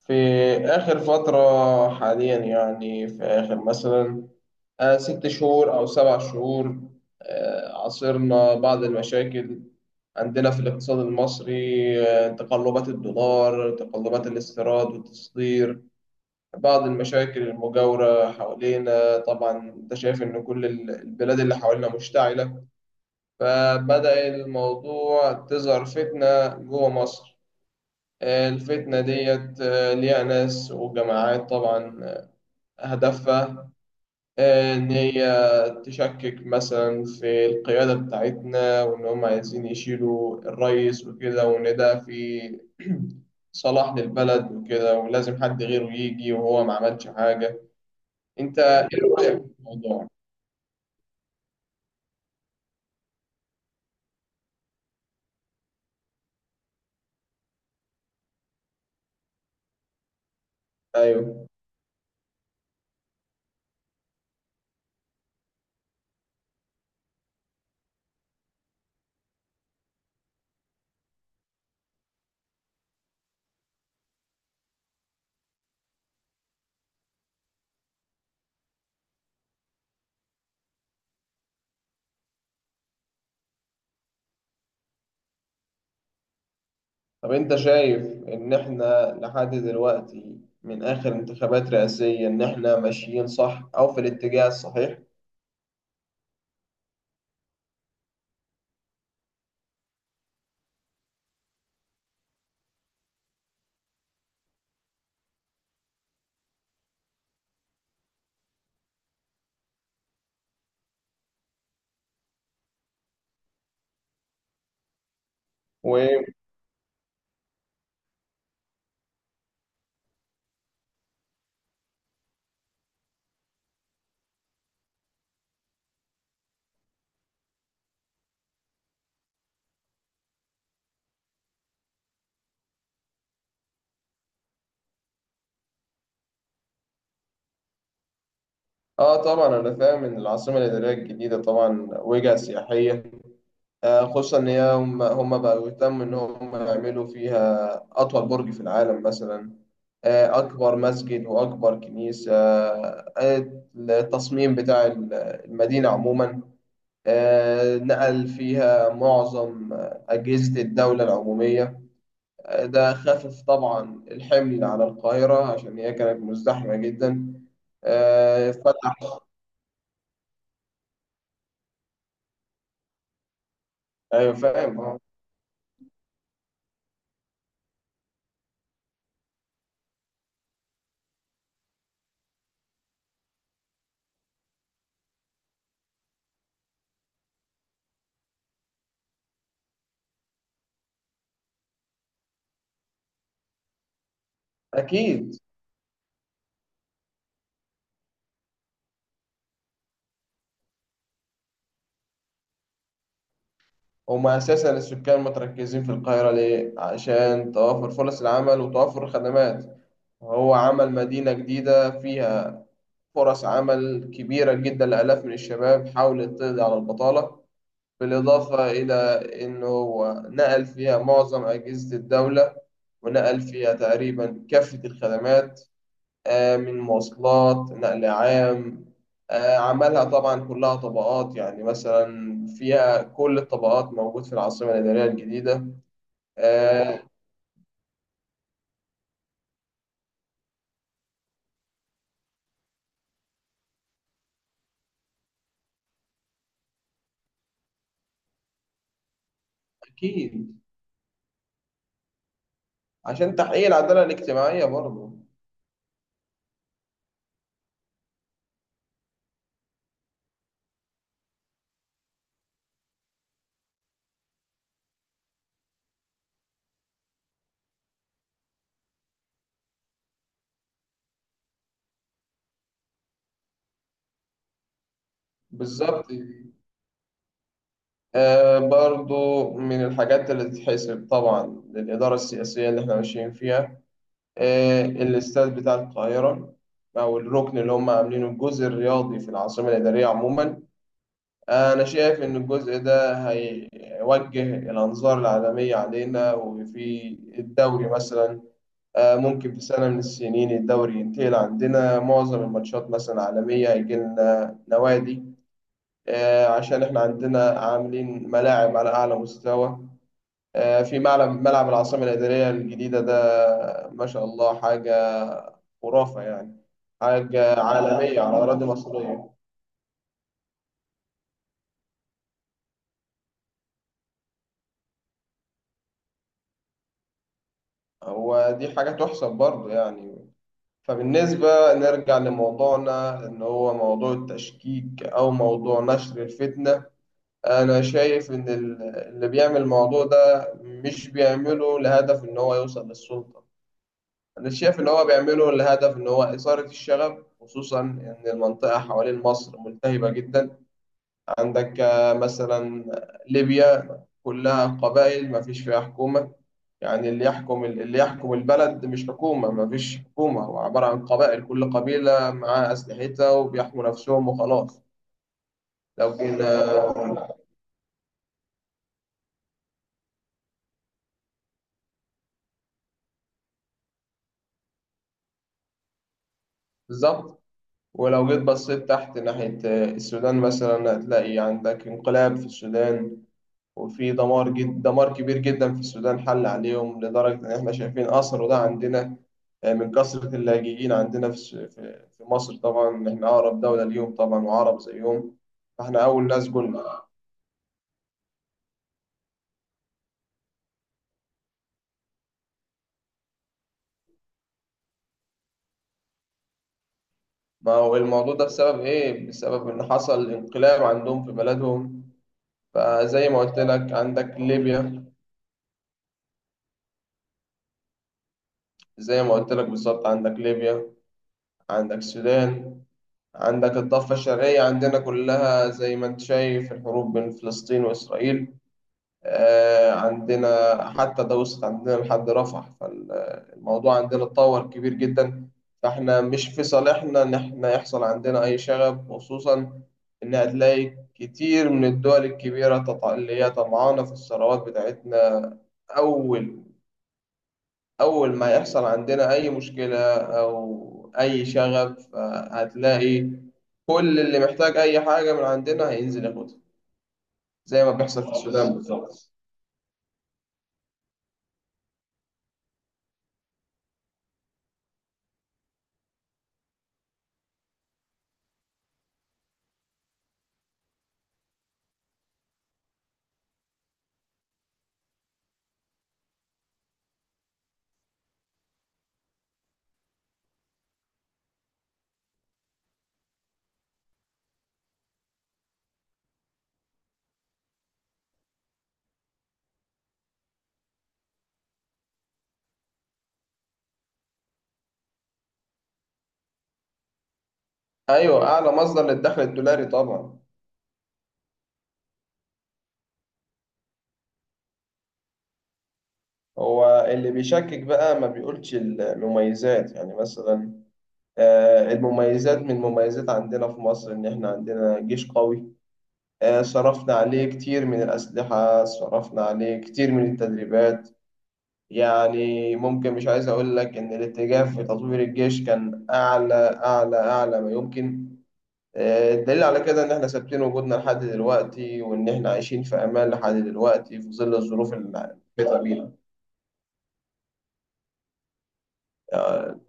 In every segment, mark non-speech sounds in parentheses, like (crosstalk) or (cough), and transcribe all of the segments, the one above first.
في آخر فترة حاليا يعني في آخر مثلا 6 شهور أو 7 شهور. عاصرنا بعض المشاكل عندنا في الاقتصاد المصري. تقلبات الدولار، تقلبات الاستيراد والتصدير، بعض المشاكل المجاورة حوالينا. طبعا أنت شايف إن كل البلاد اللي حوالينا مشتعلة، فبدأ الموضوع تظهر فتنة جوه مصر. الفتنة ديت ليها ناس وجماعات طبعا. هدفها إن هي تشكك مثلا في القيادة بتاعتنا، وإن هم عايزين يشيلوا الرئيس وكده، وإن ده في (clears throat) صلاح للبلد وكده، ولازم حد غيره يجي وهو ما عملش حاجة. أنت إيه رأيك في الموضوع؟ أيوه. طب أنت شايف إن إحنا لحد دلوقتي من آخر انتخابات رئاسية، إن إحنا ماشيين صح أو في الاتجاه الصحيح؟ اه طبعا، انا فاهم ان العاصمه الاداريه الجديده طبعا وجهه سياحيه. خصوصا ان هي هم بقوا يهتموا ان هم يعملوا فيها اطول برج في العالم مثلا، اكبر مسجد واكبر كنيسه. التصميم بتاع المدينه عموما، نقل فيها معظم اجهزه الدوله العموميه. ده خفف طبعا الحمل على القاهره عشان هي كانت مزدحمه جدا. فتح. ايوه، فاهم آه. أكيد. هم أساسا السكان متركزين في القاهرة ليه؟ عشان توافر فرص العمل وتوافر الخدمات. هو عمل مدينة جديدة فيها فرص عمل كبيرة جدا لآلاف من الشباب، حاولت تقضي على البطالة، بالإضافة إلى إنه هو نقل فيها معظم أجهزة الدولة، ونقل فيها تقريبا كافة الخدمات، من مواصلات نقل عام. عملها طبعا كلها طبقات، يعني مثلا فيها كل الطبقات موجود في العاصمة الإدارية الجديدة. آه، أكيد، عشان تحقيق العدالة الاجتماعية برضو. بالظبط. برضو من الحاجات اللي تتحسب طبعا للإدارة السياسية اللي احنا ماشيين فيها. الاستاد بتاع القاهرة، أو الركن اللي هم عاملينه الجزء الرياضي في العاصمة الإدارية عموما، أنا شايف إن الجزء ده هيوجه الأنظار العالمية علينا. وفي الدوري مثلا، ممكن في سنة من السنين الدوري ينتقل عندنا، معظم الماتشات مثلا عالمية هيجي لنا نوادي، عشان إحنا عندنا عاملين ملاعب على أعلى مستوى. في ملعب، العاصمة الإدارية الجديدة ده ما شاء الله حاجة خرافة يعني، حاجة عالمية على أراضي مصرية. هو دي حاجة تحسب برضه يعني. فبالنسبة نرجع لموضوعنا، إن هو موضوع التشكيك أو موضوع نشر الفتنة، أنا شايف إن اللي بيعمل الموضوع ده مش بيعمله لهدف إن هو يوصل للسلطة، أنا شايف إن هو بيعمله لهدف إن هو إثارة الشغب، خصوصا إن المنطقة حوالين مصر ملتهبة جدا. عندك مثلا ليبيا كلها قبائل مفيش فيها حكومة، يعني اللي يحكم البلد مش حكومة، ما فيش حكومة، هو عبارة عن قبائل، كل قبيلة معاها أسلحتها وبيحموا نفسهم وخلاص. لو جينا. (laughs) بالظبط. ولو جيت بصيت تحت ناحية السودان مثلا، هتلاقي عندك انقلاب في السودان، وفي دمار، دمار كبير جدا في السودان حل عليهم، لدرجة إن إحنا شايفين أثره ده عندنا، من كثرة اللاجئين عندنا في في مصر. طبعا إحنا أقرب دولة ليهم طبعا وعرب زيهم، فإحنا أول ناس جولنا. ما هو الموضوع ده بسبب إيه؟ بسبب إن حصل انقلاب عندهم في بلدهم. فزي ما قلت لك عندك ليبيا، زي ما قلت لك بالظبط، عندك ليبيا، عندك السودان، عندك الضفة الشرقية عندنا، كلها زي ما أنت شايف الحروب بين فلسطين وإسرائيل. عندنا حتى ده وصلت عندنا لحد رفح، فالموضوع عندنا اتطور كبير جدا. فاحنا مش في صالحنا ان احنا يحصل عندنا اي شغب، خصوصا ان هتلاقي كتير من الدول الكبيرة اللي هي طمعانة في الثروات بتاعتنا. أول أول ما يحصل عندنا أي مشكلة أو أي شغب، هتلاقي كل اللي محتاج أي حاجة من عندنا هينزل ياخدها، زي ما بيحصل في السودان بالظبط. ايوه، اعلى مصدر للدخل الدولاري طبعا. هو اللي بيشكك بقى ما بيقولش المميزات. يعني مثلا المميزات، من مميزات عندنا في مصر ان احنا عندنا جيش قوي. صرفنا عليه كتير من الاسلحه، صرفنا عليه كتير من التدريبات. يعني ممكن مش عايز اقول لك ان الاتجاه في تطوير الجيش كان اعلى، اعلى اعلى ما يمكن. الدليل على كده إن إحنا ثابتين وجودنا لحد دلوقتي، وإن إحنا عايشين في أمان لحد دلوقتي في ظل الظروف المحيطة بينا. آه،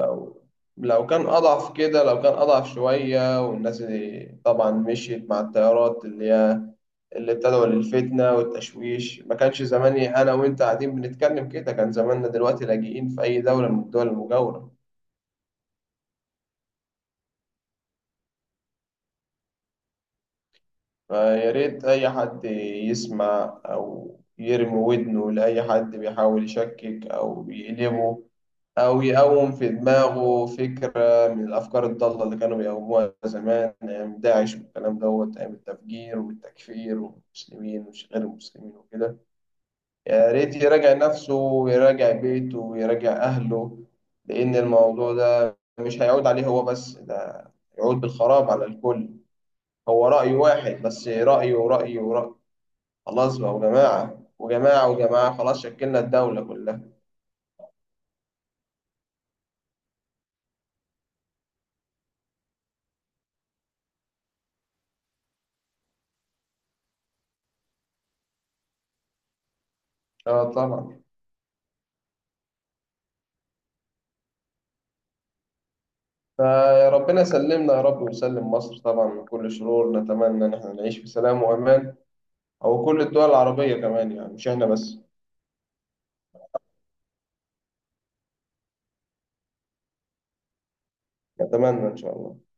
لو كان أضعف كده، لو كان أضعف شوية، والناس اللي طبعا مشيت مع التيارات اللي هي اللي بتدعو للفتنة والتشويش، ما كانش زماني أنا وأنت قاعدين بنتكلم كده، كان زماننا دلوقتي لاجئين في أي دولة من الدول المجاورة. فيا ريت أي حد يسمع أو يرمي ودنه لأي حد بيحاول يشكك أو يقلبه، أو يقوم في دماغه فكرة من الأفكار الضالة اللي كانوا بيقوموها زمان أيام داعش والكلام دوت، أيام التفجير والتكفير والمسلمين ومش غير المسلمين وكده. يا ريت يراجع نفسه ويراجع بيته ويراجع أهله، لأن الموضوع ده مش هيعود عليه هو بس، ده يعود بالخراب على الكل. هو رأي واحد بس، رأيه ورأيه ورأي، خلاص بقى، وجماعة وجماعة وجماعة، خلاص شكلنا الدولة كلها. اه طبعا. فربنا يسلمنا يا رب، ويسلم مصر طبعا من كل شرور، نتمنى ان احنا نعيش في سلام وامان، او كل الدول العربية كمان يعني مش احنا بس. نتمنى ان شاء الله.